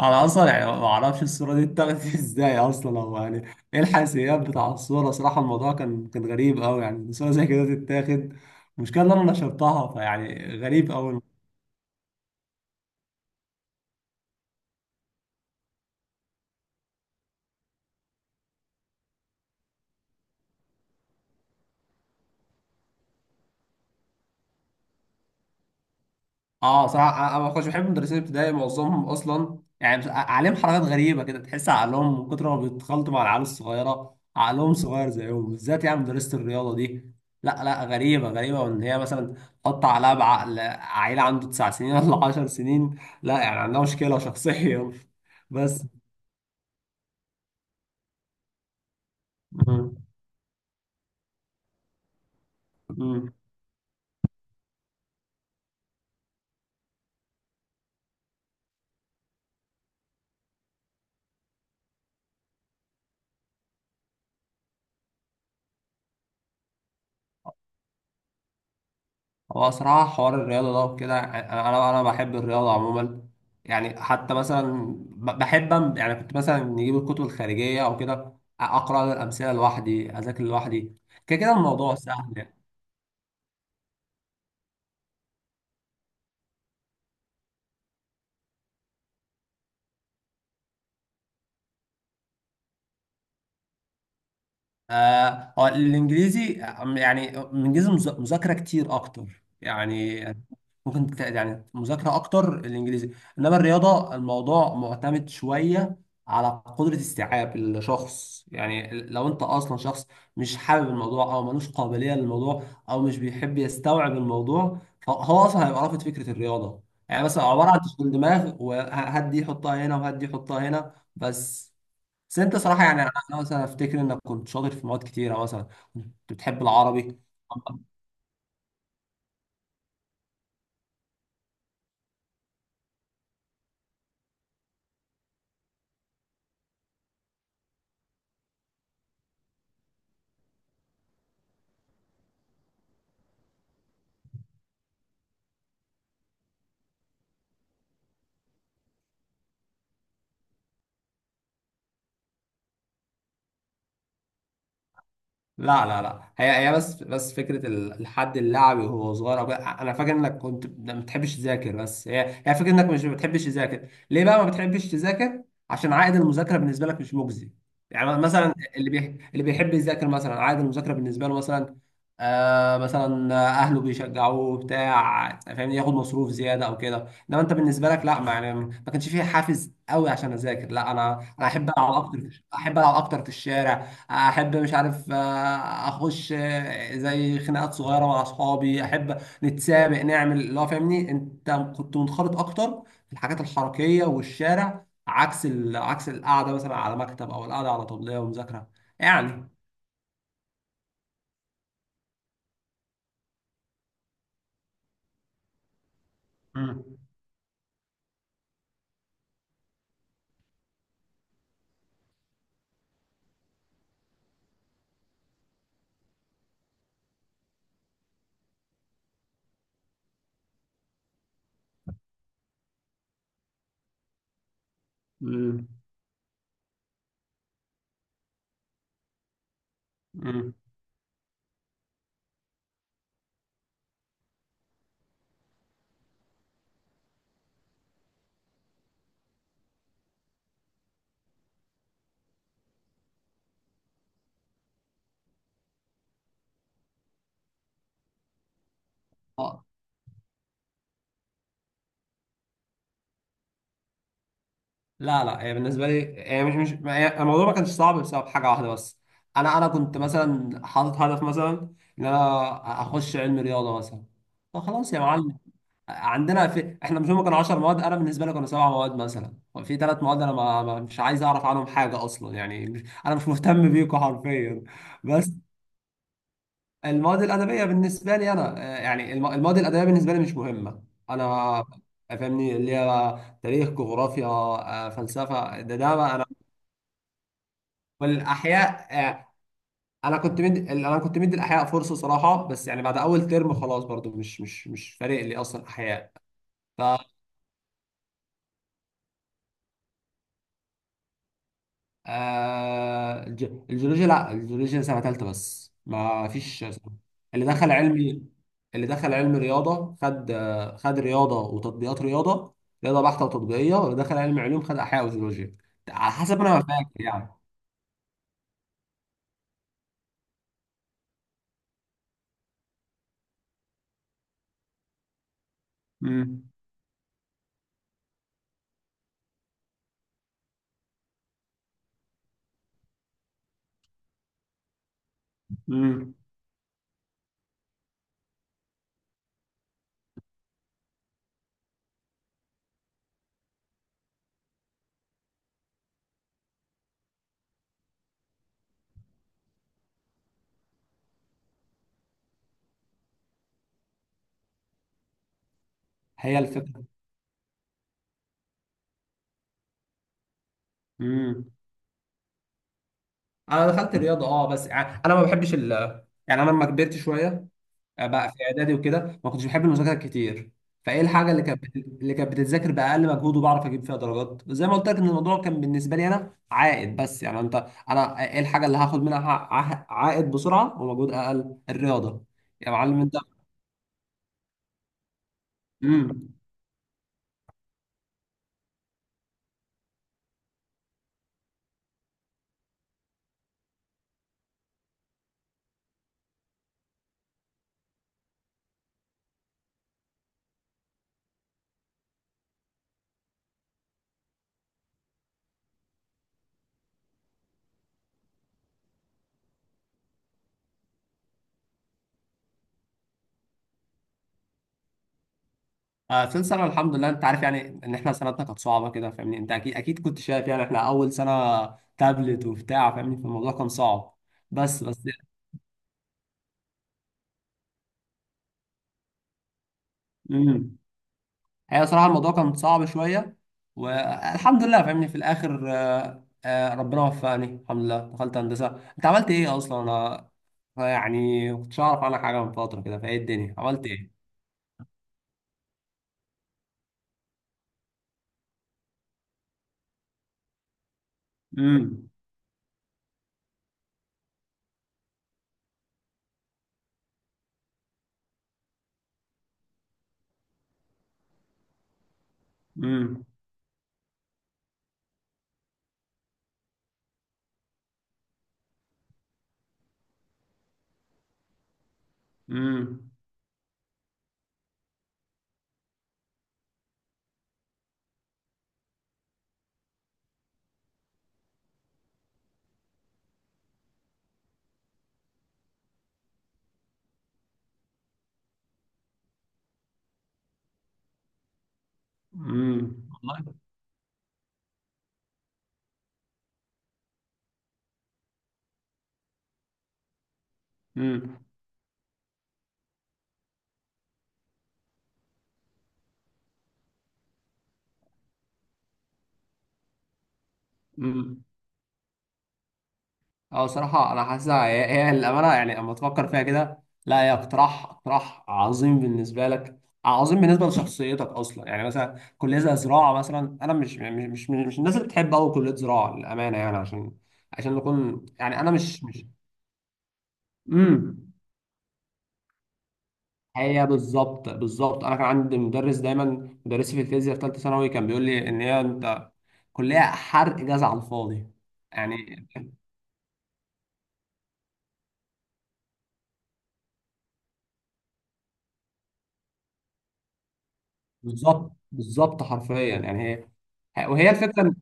انا اصلا يعني ما اعرفش الصوره دي اتاخدت ازاي اصلا او يعني ايه الحساسيات بتاع الصوره صراحه. الموضوع كان غريب قوي، يعني صوره زي كده تتاخد. المشكله ان انا نشرتها فيعني غريب قوي. اه صراحة انا ما كنتش بحب المدرسين الابتدائي، معظمهم اصلا يعني عليهم حركات غريبة كده، تحس عقلهم من كتر ما بيتخلطوا مع العيال الصغيرة عقلهم صغير زيهم، بالذات يعني مدرسة الرياضة دي. لا لا، غريبة غريبة، وان هي مثلا تقطع عليها بعقل عيل عنده 9 سنين ولا 10 سنين، لا يعني عندها مشكلة شخصيا. بس. مم. مم. هو صراحة حوار الرياضة ده وكده أنا بحب الرياضة عموما، يعني حتى مثلا بحب، يعني كنت مثلا نجيب الكتب الخارجية أو كده، أقرأ الأمثلة لوحدي، أذاكر لوحدي، كده كده الموضوع سهل يعني. آه هو الإنجليزي، يعني الإنجليزي مذاكرة كتير أكتر يعني. ممكن يعني مذاكرة أكتر الإنجليزي. إنما الرياضة الموضوع معتمد شوية على قدرة استيعاب الشخص، يعني لو أنت أصلا شخص مش حابب الموضوع أو ملوش قابلية للموضوع، أو مش بيحب يستوعب الموضوع، فهو أصلا هيبقى رافض فكرة الرياضة، يعني مثلا عبارة عن تشغيل دماغ وهات دي حطها هنا وهات دي حطها هنا بس أنت صراحة يعني، أنا مثلا أفتكر إنك كنت شاطر في مواد كتيرة، مثلا كنت بتحب العربي. لا لا لا، هي بس فكره الحد اللعبي وهو صغير أو كده، انا فاكر انك كنت ما بتحبش تذاكر، بس هي فكره انك مش بتحبش تذاكر، ليه بقى ما بتحبش تذاكر؟ عشان عائد المذاكره بالنسبه لك مش مجزي. يعني مثلا اللي بيحب يذاكر مثلا عائد المذاكره بالنسبه له مثلا، آه مثلا اهله بيشجعوه بتاع فاهمني، ياخد مصروف زياده او كده. انما انت بالنسبه لك لا، ما يعني ما كانش فيه حافز قوي عشان اذاكر، لا انا احب العب اكتر احب العب اكتر في الشارع، احب مش عارف، اخش زي خناقات صغيره مع اصحابي، احب نتسابق نعمل اللي هو فاهمني، انت كنت منخرط اكتر في الحاجات الحركيه والشارع، عكس القعده مثلا على مكتب او القعده على طبليه ومذاكره يعني. امم. امم. امم. اه. لا لا. هي بالنسبه لي، هي مش ما هي- الموضوع ما كانش صعب بسبب حاجه واحده بس. انا كنت مثلا حاطط هدف مثلا ان انا اخش علم رياضه مثلا، فخلاص يا معلم. عندنا في احنا، مش هم كانوا 10 مواد، انا بالنسبه لي كانوا 7 مواد مثلا، في 3 مواد انا ما... ما مش عايز اعرف عنهم حاجه اصلا، يعني مش... انا مش مهتم بيكم حرفيا. بس المواد الادبيه بالنسبه لي انا، يعني المواد الادبيه بالنسبه لي مش مهمه، انا فاهمني اللي هي تاريخ، جغرافيا، فلسفه، ده بقى انا. والاحياء انا كنت مدي الاحياء فرصه صراحه، بس يعني بعد اول ترم خلاص برضو مش فارق لي اصلا احياء. آه الجيولوجيا، لا الجيولوجيا سنة تالتة بس، ما فيش سنة. اللي دخل علمي، اللي دخل علم رياضة خد رياضة وتطبيقات رياضة، رياضة بحتة وتطبيقية، واللي دخل علم علوم خد أحياء وجيولوجيا، على حسب أنا ما فاكر يعني. امم. امم. هي الفكرة. امم. أنا دخلت رياضة، بس يعني أنا ما بحبش يعني أنا لما كبرت شوية، بقى في اعدادي وكده ما كنتش بحب المذاكره كتير، فايه الحاجه اللي كانت بتتذاكر باقل مجهود وبعرف اجيب فيها درجات، زي ما قلت لك ان الموضوع كان بالنسبه لي انا عائد، بس يعني انا ايه الحاجه اللي هاخد منها عائد بسرعه ومجهود اقل؟ الرياضه يا معلم انت. امم. آه ثالث سنه الحمد لله. انت عارف يعني ان احنا سنتنا كانت صعبه كده فاهمني، انت اكيد اكيد كنت شايف، يعني احنا اول سنه تابلت وبتاع فاهمني، فالموضوع كان صعب. بس مم. هي صراحة الموضوع كان صعب شوية، والحمد لله فاهمني في الآخر، ربنا وفقني الحمد لله دخلت هندسة. أنت عملت إيه أصلا؟ أنا يعني ما كنتش أعرف عنك حاجة من فترة كده، فإيه الدنيا عملت إيه؟ امم. امم. امم. والله. امم. اه صراحة أنا حاسسها هي الأمانة، يعني لما تفكر فيها كده، لا هي اقتراح، اقتراح عظيم بالنسبة لك، عظيم بالنسبة لشخصيتك أصلا، يعني مثلا كلية زي زراعة مثلا، أنا مش الناس اللي بتحب أوي كلية زراعة للأمانة، يعني عشان نكون يعني أنا مش امم. هي بالظبط بالظبط، أنا كان عندي مدرس دايما، مدرسي في الفيزياء في ثالثة ثانوي كان بيقول لي إن هي أنت كلية حرق جزع على الفاضي يعني. بالظبط بالظبط حرفيا يعني، هي وهي الفكرة،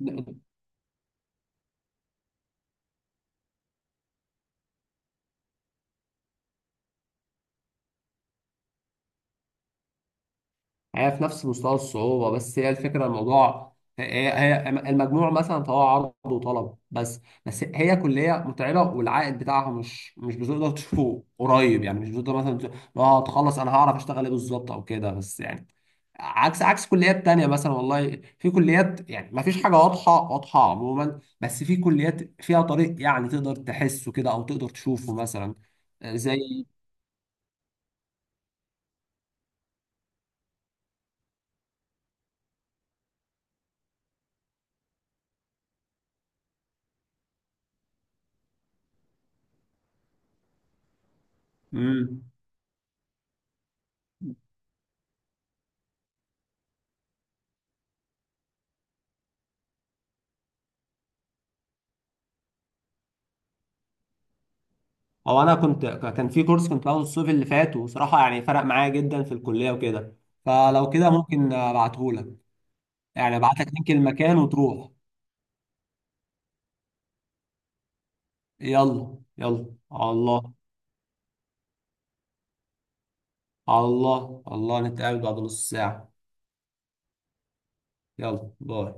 هي في نفس مستوى الصعوبة، بس هي الفكرة الموضوع، هي المجموع مثلا فهو عرض وطلب، بس هي كلية متعبة، والعائد بتاعها مش بتقدر تشوفه قريب، يعني مش بتقدر مثلا تقول لو هتخلص انا هعرف اشتغل ايه بالظبط او كده، بس يعني عكس كليات تانية مثلا، والله في كليات يعني ما فيش حاجة واضحة، واضحة عموما، بس في كليات فيها طريق يعني تقدر تحسه كده او تقدر تشوفه مثلا، زي مم. او انا كنت كان في كورس كنت باخده الصيف اللي فات، وصراحه يعني فرق معايا جدا في الكليه وكده، فلو كده ممكن ابعتهولك يعني، ابعت لك لينك المكان وتروح. يلا يلا، على الله على الله على الله، نتقابل بعد نص ساعه. يلا باي.